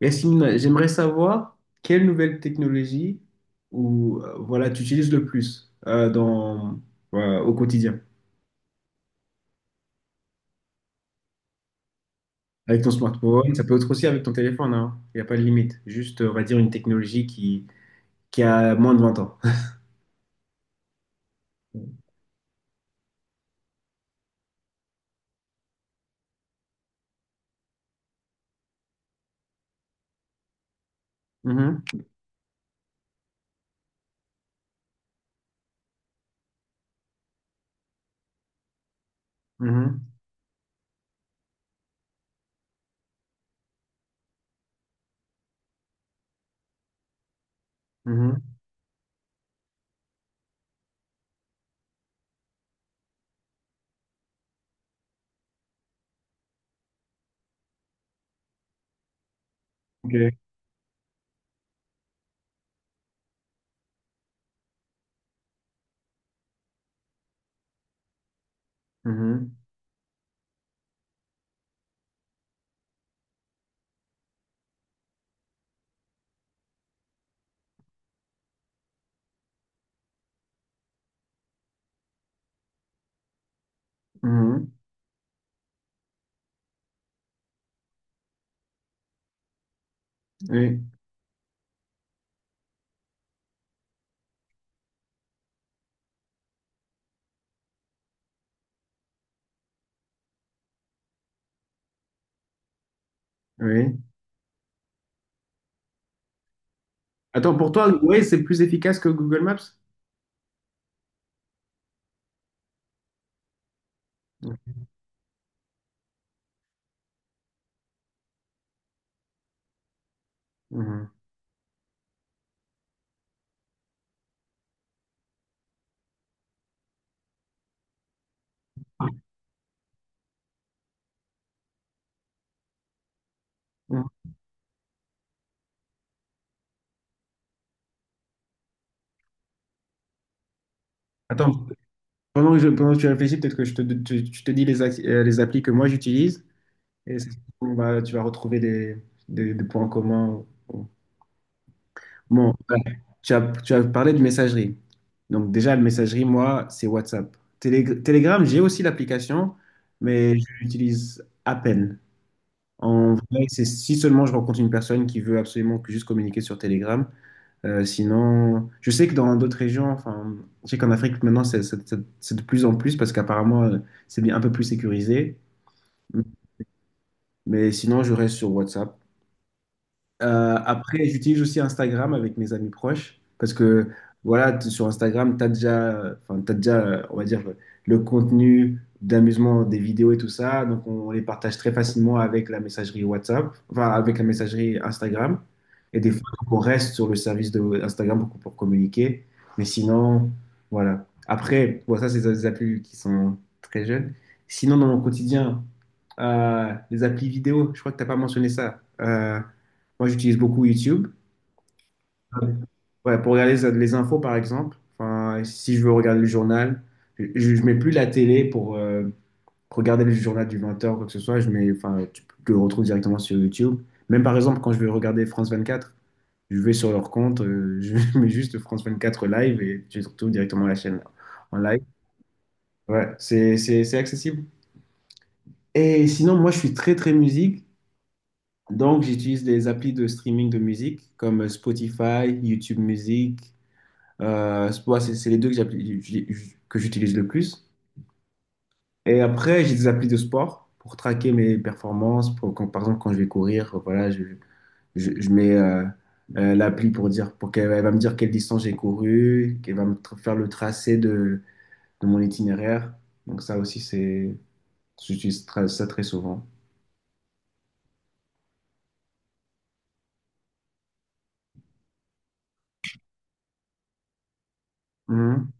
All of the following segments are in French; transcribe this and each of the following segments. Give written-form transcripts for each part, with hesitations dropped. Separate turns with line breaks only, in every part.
Yacine, j'aimerais savoir quelle nouvelle technologie ou tu utilises le plus dans, voilà, au quotidien. Avec ton smartphone, ça peut être aussi avec ton téléphone, hein. Il n'y a pas de limite. Juste, on va dire, une technologie qui a moins de 20 ans. Mhm, mhm, mhm. Ok. Mhm, mhm. Oui, oui. Attends, pour toi, ouais, c'est plus efficace que Google Maps? Mhm. Mhm. Attends, pendant que tu réfléchis, peut-être que je tu te dis les applis que moi j'utilise. Et c'est surtout, bah, tu vas retrouver des points communs. Bon, voilà. Tu as parlé de messagerie. Donc déjà, la messagerie, moi, c'est WhatsApp. Telegram, j'ai aussi l'application, mais je l'utilise à peine. En vrai, c'est si seulement je rencontre une personne qui veut absolument que juste communiquer sur Telegram. Sinon, je sais que dans d'autres régions, enfin, je sais qu'en Afrique maintenant, c'est de plus en plus parce qu'apparemment, c'est bien un peu plus sécurisé. Mais sinon, je reste sur WhatsApp. Après, j'utilise aussi Instagram avec mes amis proches parce que voilà, sur Instagram, tu as déjà, enfin, t'as déjà, on va dire, le contenu d'amusement des vidéos et tout ça. Donc, on les partage très facilement avec la messagerie WhatsApp, enfin, avec la messagerie Instagram. Et des fois, donc, on reste sur le service de Instagram pour communiquer. Mais sinon, voilà. Après, bon, ça, c'est des applis qui sont très jeunes. Sinon, dans mon quotidien, les applis vidéo, je crois que tu n'as pas mentionné ça. Moi, j'utilise beaucoup YouTube. Ouais, pour regarder les infos, par exemple. Enfin, si je veux regarder le journal, je, je mets plus la télé pour regarder le journal du 20 heures ou quoi que ce soit. Je mets, enfin, tu le retrouves directement sur YouTube. Même par exemple, quand je veux regarder France 24, je vais sur leur compte, je mets juste France 24 live et je retrouve directement la chaîne en live. Ouais, c'est accessible. Et sinon, moi, je suis très, très musique. Donc, j'utilise des applis de streaming de musique comme Spotify, YouTube Music. C'est les deux que que j'utilise le plus. Et après, j'ai des applis de sport pour traquer mes performances. Par exemple, quand je vais courir, voilà, je mets l'appli pour dire, pour qu'elle elle va me dire quelle distance j'ai couru, qu'elle va faire le tracé de mon itinéraire. Donc ça aussi, c'est, j'utilise ça très souvent. Mhm.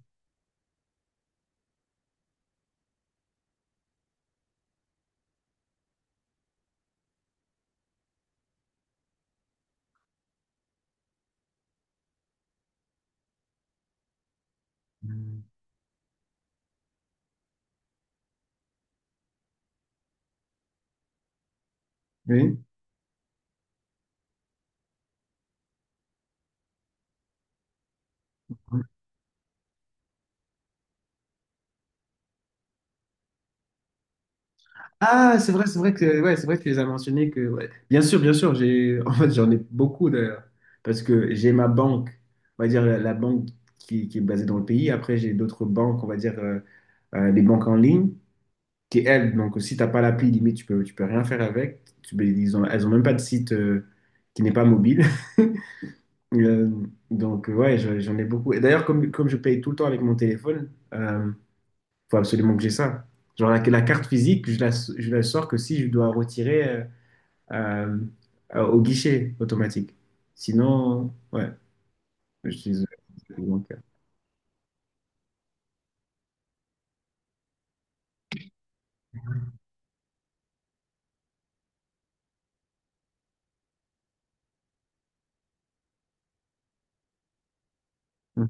Mhm. Oui. Ah, c'est vrai, c'est vrai que tu les as mentionnés que ouais. Bien sûr, j'ai en fait j'en ai beaucoup d'ailleurs parce que j'ai ma banque, on va dire la banque qui est basée dans le pays. Après j'ai d'autres banques, on va dire des banques en ligne qui elles donc si t'as pas l'appli limite tu peux rien faire avec. Elles ont même pas de site qui n'est pas mobile. Euh, donc ouais, j'en ai beaucoup. Et d'ailleurs comme je paye tout le temps avec mon téléphone. Faut absolument que j'ai ça. Genre la carte physique, je la sors que si je dois retirer euh, au guichet automatique. Sinon, ouais, je suis bancaire. Mm,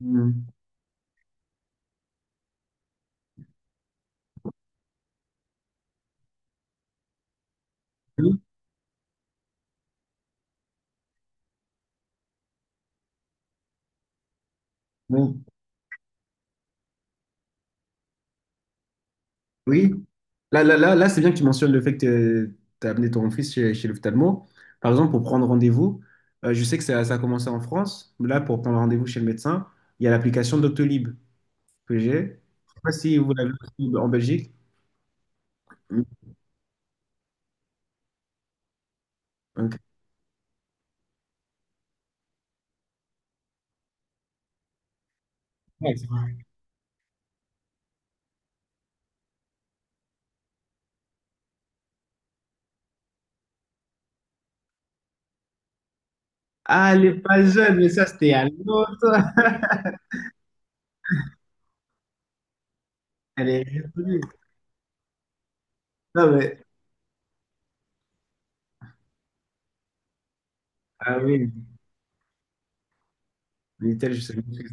mm, mm. Oui, oui. Oui. Là, c'est bien que tu mentionnes le fait que tu as amené ton fils chez, chez l'ophtalmo. Par exemple, pour prendre rendez-vous, je sais que ça a commencé en France. Là, pour prendre rendez-vous chez le médecin, il y a l'application Doctolib que j'ai. Je sais pas si vous l'avez aussi en Belgique. Mm, ok. Ouais, ah, elle est pas jeune, mais ça, c'était à l'autre. Elle est reconnue. Non, mais, ah oui, Minitel, je sais même ce que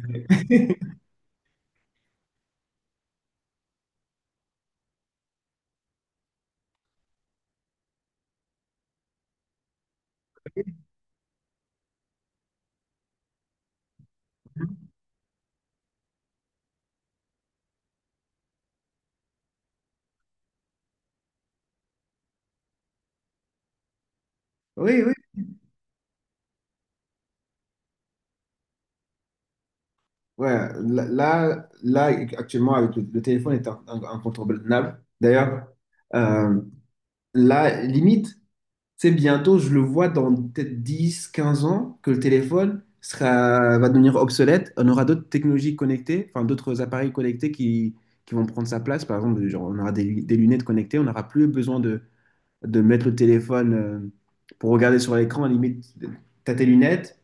c'est. Oui, oui. Ouais, là, actuellement, avec le téléphone est incontournable. D'ailleurs, euh, là, limite, c'est bientôt, je le vois dans peut-être 10, 15 ans, que le téléphone sera, va devenir obsolète. On aura d'autres technologies connectées, enfin, d'autres appareils connectés qui vont prendre sa place. Par exemple, genre, on aura des lunettes connectées, on n'aura plus besoin de mettre le téléphone pour regarder sur l'écran, à la limite, t'as tes lunettes,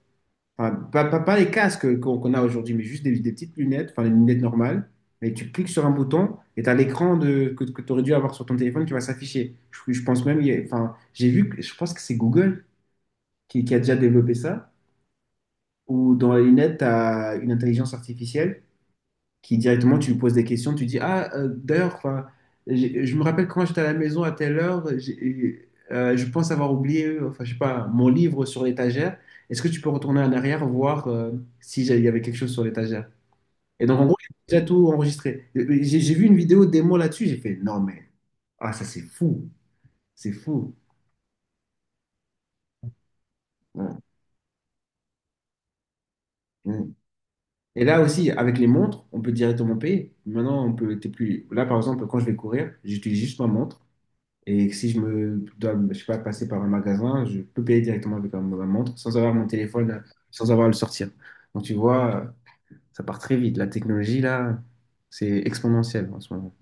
enfin, pas les casques qu'on a aujourd'hui, mais juste des petites lunettes, enfin les lunettes normales, et tu cliques sur un bouton et t'as l'écran que tu aurais dû avoir sur ton téléphone qui va s'afficher. Je pense même, il y a- enfin, j'ai vu, que- je pense que c'est Google qui a déjà développé ça, où dans les lunettes, t'as une intelligence artificielle qui directement, tu lui poses des questions, tu dis, ah, je me rappelle quand j'étais à la maison à telle heure, je pense avoir oublié, enfin, je sais pas, mon livre sur l'étagère. Est-ce que tu peux retourner en arrière, voir si il y avait quelque chose sur l'étagère? Et donc, en gros, j'ai déjà tout enregistré. J'ai vu une vidéo démo là-dessus, j'ai fait, non, mais, ah, ça, c'est fou, c'est fou. Ouais. Ouais. Et là aussi, avec les montres, on peut directement payer. Maintenant, on peut, t'es plus. Là, par exemple, quand je vais courir, j'utilise juste ma montre. Et si je me dois, je sais pas, passer par un magasin, je peux payer directement avec ma montre sans avoir mon téléphone, sans avoir à le sortir. Donc tu vois, ça part très vite. La technologie, là, c'est exponentiel en ce moment.